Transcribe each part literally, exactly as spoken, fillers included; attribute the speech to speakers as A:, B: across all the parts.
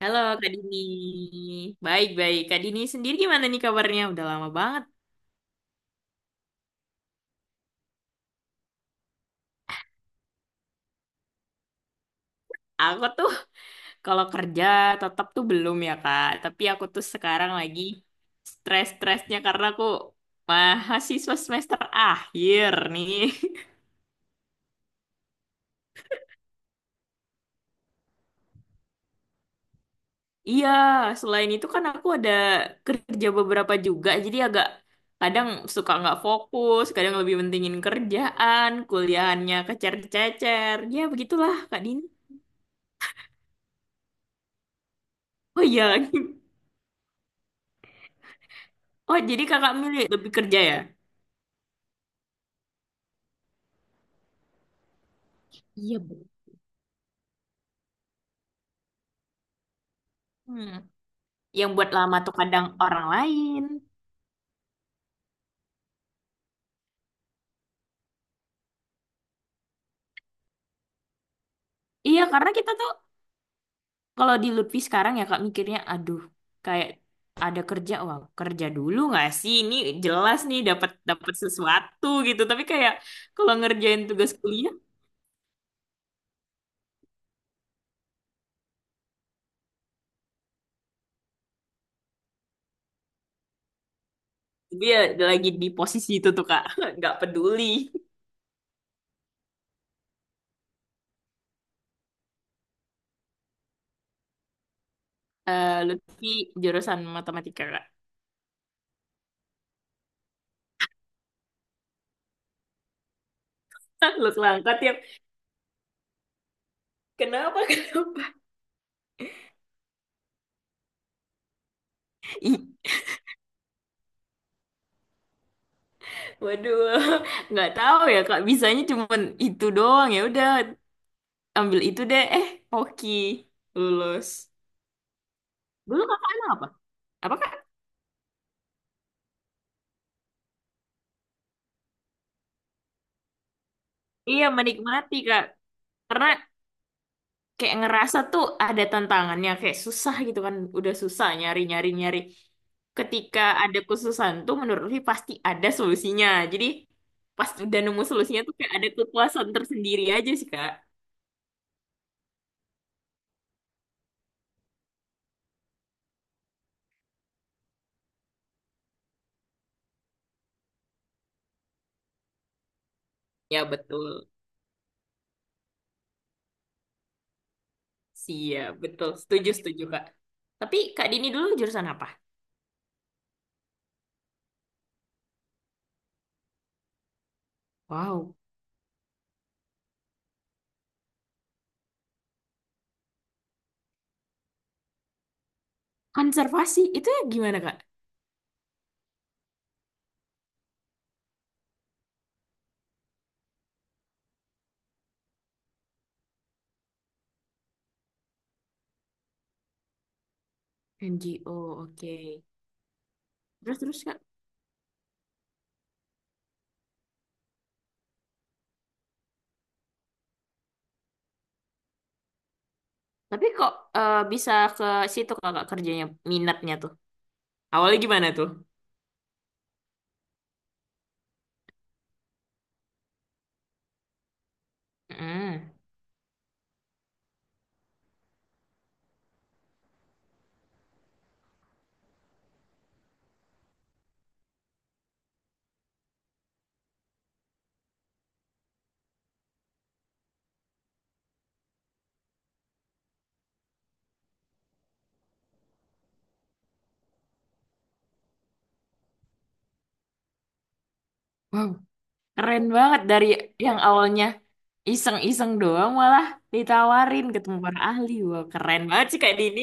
A: Halo Kak Dini. Baik-baik. Kak Dini sendiri gimana nih kabarnya? Udah lama banget. Aku tuh kalau kerja tetap tuh belum ya Kak. Tapi aku tuh sekarang lagi stres-stresnya karena aku mahasiswa semester akhir nih. Iya, selain itu kan aku ada kerja beberapa juga. Jadi agak kadang suka nggak fokus, kadang lebih pentingin kerjaan, kuliahannya kecer-cecer. Ya begitulah Kak Dini. Oh iya. Oh, jadi kakak milih lebih kerja ya? Iya, Bu. Hmm. Yang buat lama tuh kadang orang lain. Iya, karena kita tuh kalau di Lutfi sekarang ya kak mikirnya, aduh, kayak ada kerja, wah kerja dulu nggak sih? Ini jelas nih dapat dapat sesuatu gitu. Tapi kayak kalau ngerjain tugas kuliah, dia lagi di posisi itu tuh kak, nggak peduli. Eh Lutfi jurusan matematika kak. Langsung angkat ya. Kenapa? Kenapa? Waduh, nggak tahu ya Kak. Bisanya cuman itu doang ya. Udah ambil itu deh. Eh, hoki lulus. Dulu Kakak anak apa? Apa Kak? Iya, menikmati Kak. Karena kayak ngerasa tuh ada tantangannya, kayak susah gitu kan. Udah susah nyari-nyari-nyari. Ketika ada khususan tuh menurut Lutfi pasti ada solusinya. Jadi pas udah nemu solusinya tuh kayak ada kepuasan tersendiri aja sih Kak. Ya betul. Siap, betul. Setuju, setuju Kak. Tapi Kak Dini dulu jurusan apa? Wow. Konservasi itu ya gimana Kak? N G O, oke. Terus terus Kak. Tapi kok eh, bisa ke situ Kakak kerjanya minatnya tuh? Awalnya gimana tuh? Mm. Wow, keren banget dari yang awalnya iseng-iseng doang malah ditawarin ketemu para ahli. Wah, keren banget sih Kak Dini.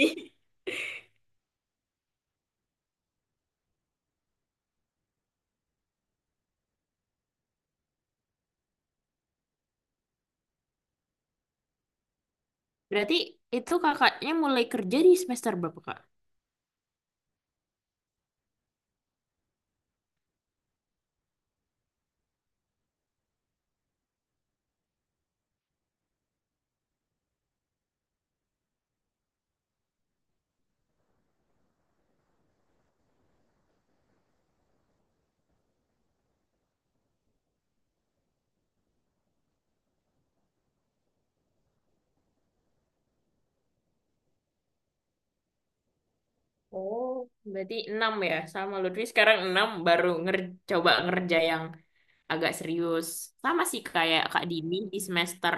A: Berarti itu kakaknya mulai kerja di semester berapa Kak? Oh, berarti enam ya, sama Lutfi sekarang enam baru nger coba ngerja yang agak serius. Sama sih kayak Kak Dini di semester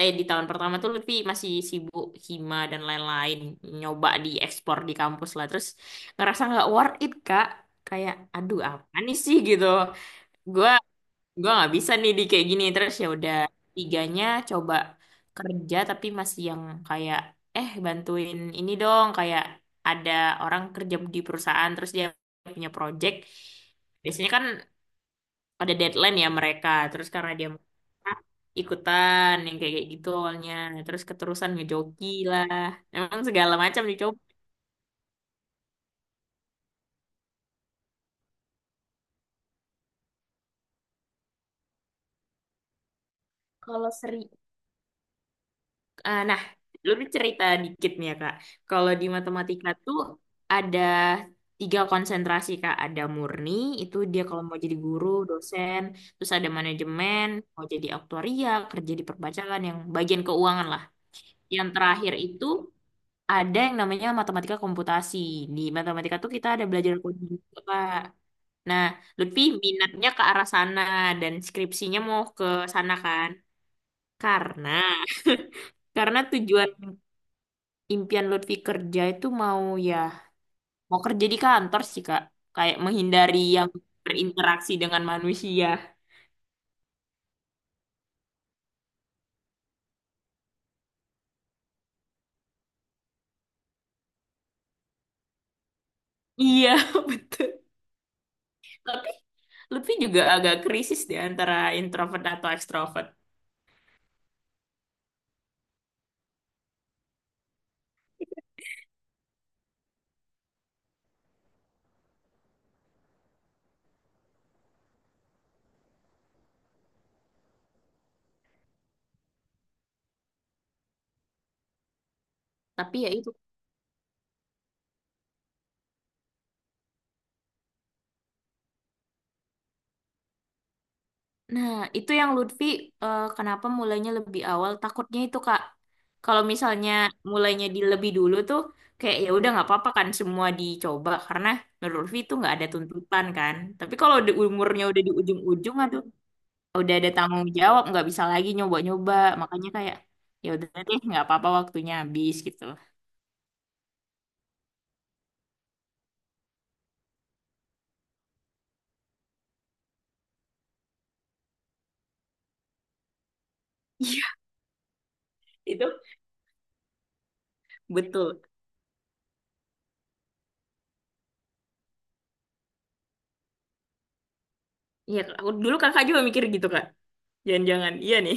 A: eh di tahun pertama tuh Lutfi masih sibuk hima dan lain-lain nyoba diekspor di kampus lah. Terus ngerasa nggak worth it Kak. Kayak aduh apa nih sih gitu. Gua gua nggak bisa nih di kayak gini. Terus ya udah tiganya coba kerja tapi masih yang kayak eh bantuin ini dong kayak ada orang kerja di perusahaan terus dia punya project biasanya kan ada deadline ya mereka terus karena dia merah, ikutan yang kayak kayak gitu awalnya terus keterusan ngejoki lah emang segala macam dicoba kalau seri ah, nah lu cerita dikit nih ya kak kalau di matematika tuh ada tiga konsentrasi kak ada murni itu dia kalau mau jadi guru dosen terus ada manajemen mau jadi aktuaria kerja di perpajakan yang bagian keuangan lah yang terakhir itu ada yang namanya matematika komputasi. Di matematika tuh kita ada belajar coding juga, Kak. Nah, Lutfi minatnya ke arah sana dan skripsinya mau ke sana kan? Karena karena tujuan impian Lutfi kerja itu mau ya mau kerja di kantor sih, Kak. Kayak menghindari yang berinteraksi dengan manusia. Iya, betul. Tapi Lutfi juga agak krisis di antara introvert atau extrovert. Tapi ya itu Nah, itu yang Lutfi eh, kenapa mulainya lebih awal. Takutnya itu, Kak. Kalau misalnya mulainya di lebih dulu tuh kayak ya udah nggak apa-apa kan semua dicoba karena menurut Lutfi itu nggak ada tuntutan kan. Tapi kalau di umurnya udah di ujung-ujung aduh udah ada tanggung jawab nggak bisa lagi nyoba-nyoba. Makanya kayak ya udah deh nggak apa-apa waktunya habis gitu. Iya, itu betul. Iya, aku dulu Kakak juga mikir gitu, Kak. Jangan-jangan iya nih.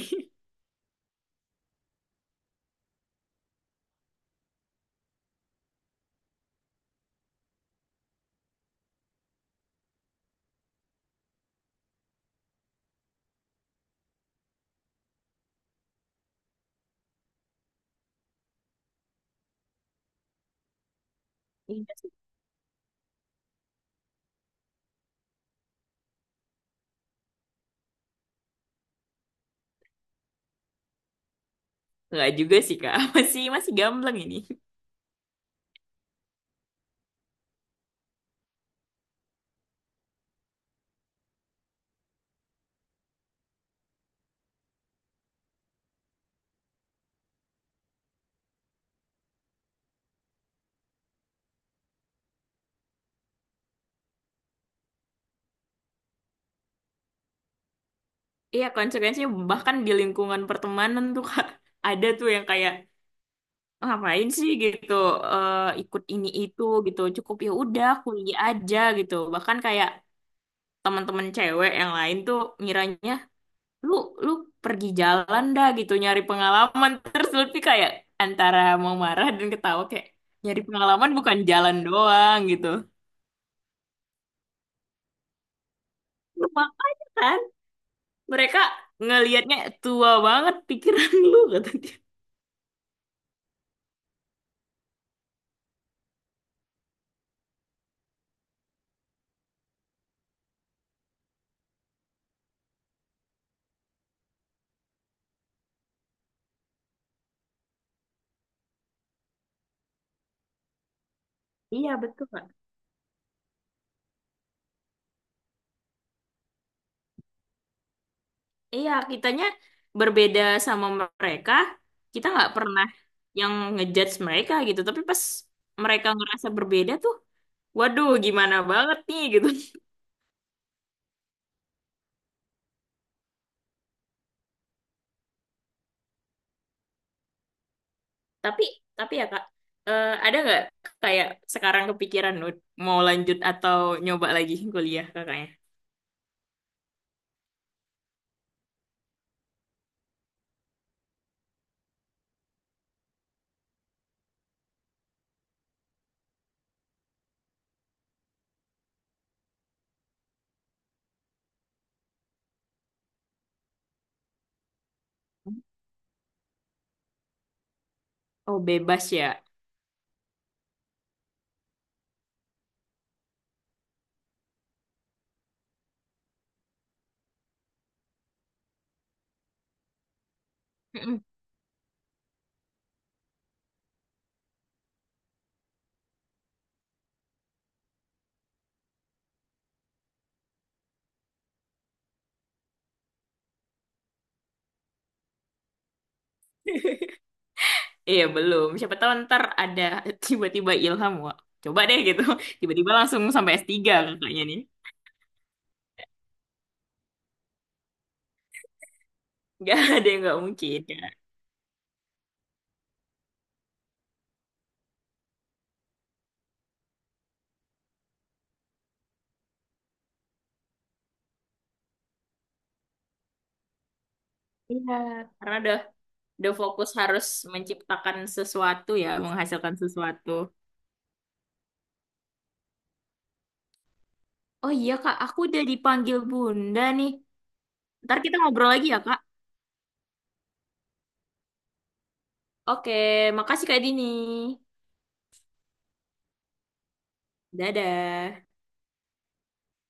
A: Iya sih. Nggak juga sih, Kak. Masih masih gamblang ini. Iya, konsekuensinya bahkan di lingkungan pertemanan tuh Kak, ada tuh yang kayak "Ah, ngapain sih gitu eh, ikut ini itu gitu cukup ya udah kuliah aja gitu bahkan kayak teman-teman cewek yang lain tuh ngiranya lu lu pergi jalan dah gitu nyari pengalaman terus Lutfi kayak antara mau marah dan ketawa kayak nyari pengalaman bukan jalan doang gitu makanya kan mereka ngelihatnya tua banget pikiran lu kata dia. Iya betul, Kak. Iya, kitanya berbeda sama mereka. Kita nggak pernah yang ngejudge mereka gitu. Tapi pas mereka ngerasa berbeda tuh, waduh, gimana banget nih gitu. Tapi, tapi ya Kak, eh, ada nggak kayak sekarang kepikiran Nut, mau lanjut atau nyoba lagi kuliah kakaknya? Oh, bebas ya. Mm-mm. Iya, belum. Siapa tahu ntar ada tiba-tiba ilham, wah. Coba deh gitu. Tiba-tiba langsung sampai S tiga kakaknya nih. Nggak ada yang nggak mungkin. Iya, karena udah udah fokus harus menciptakan sesuatu ya, menghasilkan sesuatu. Oh iya Kak, aku udah dipanggil Bunda nih. Ntar kita ngobrol lagi ya Kak. Oke, makasih Kak Dini. Dadah.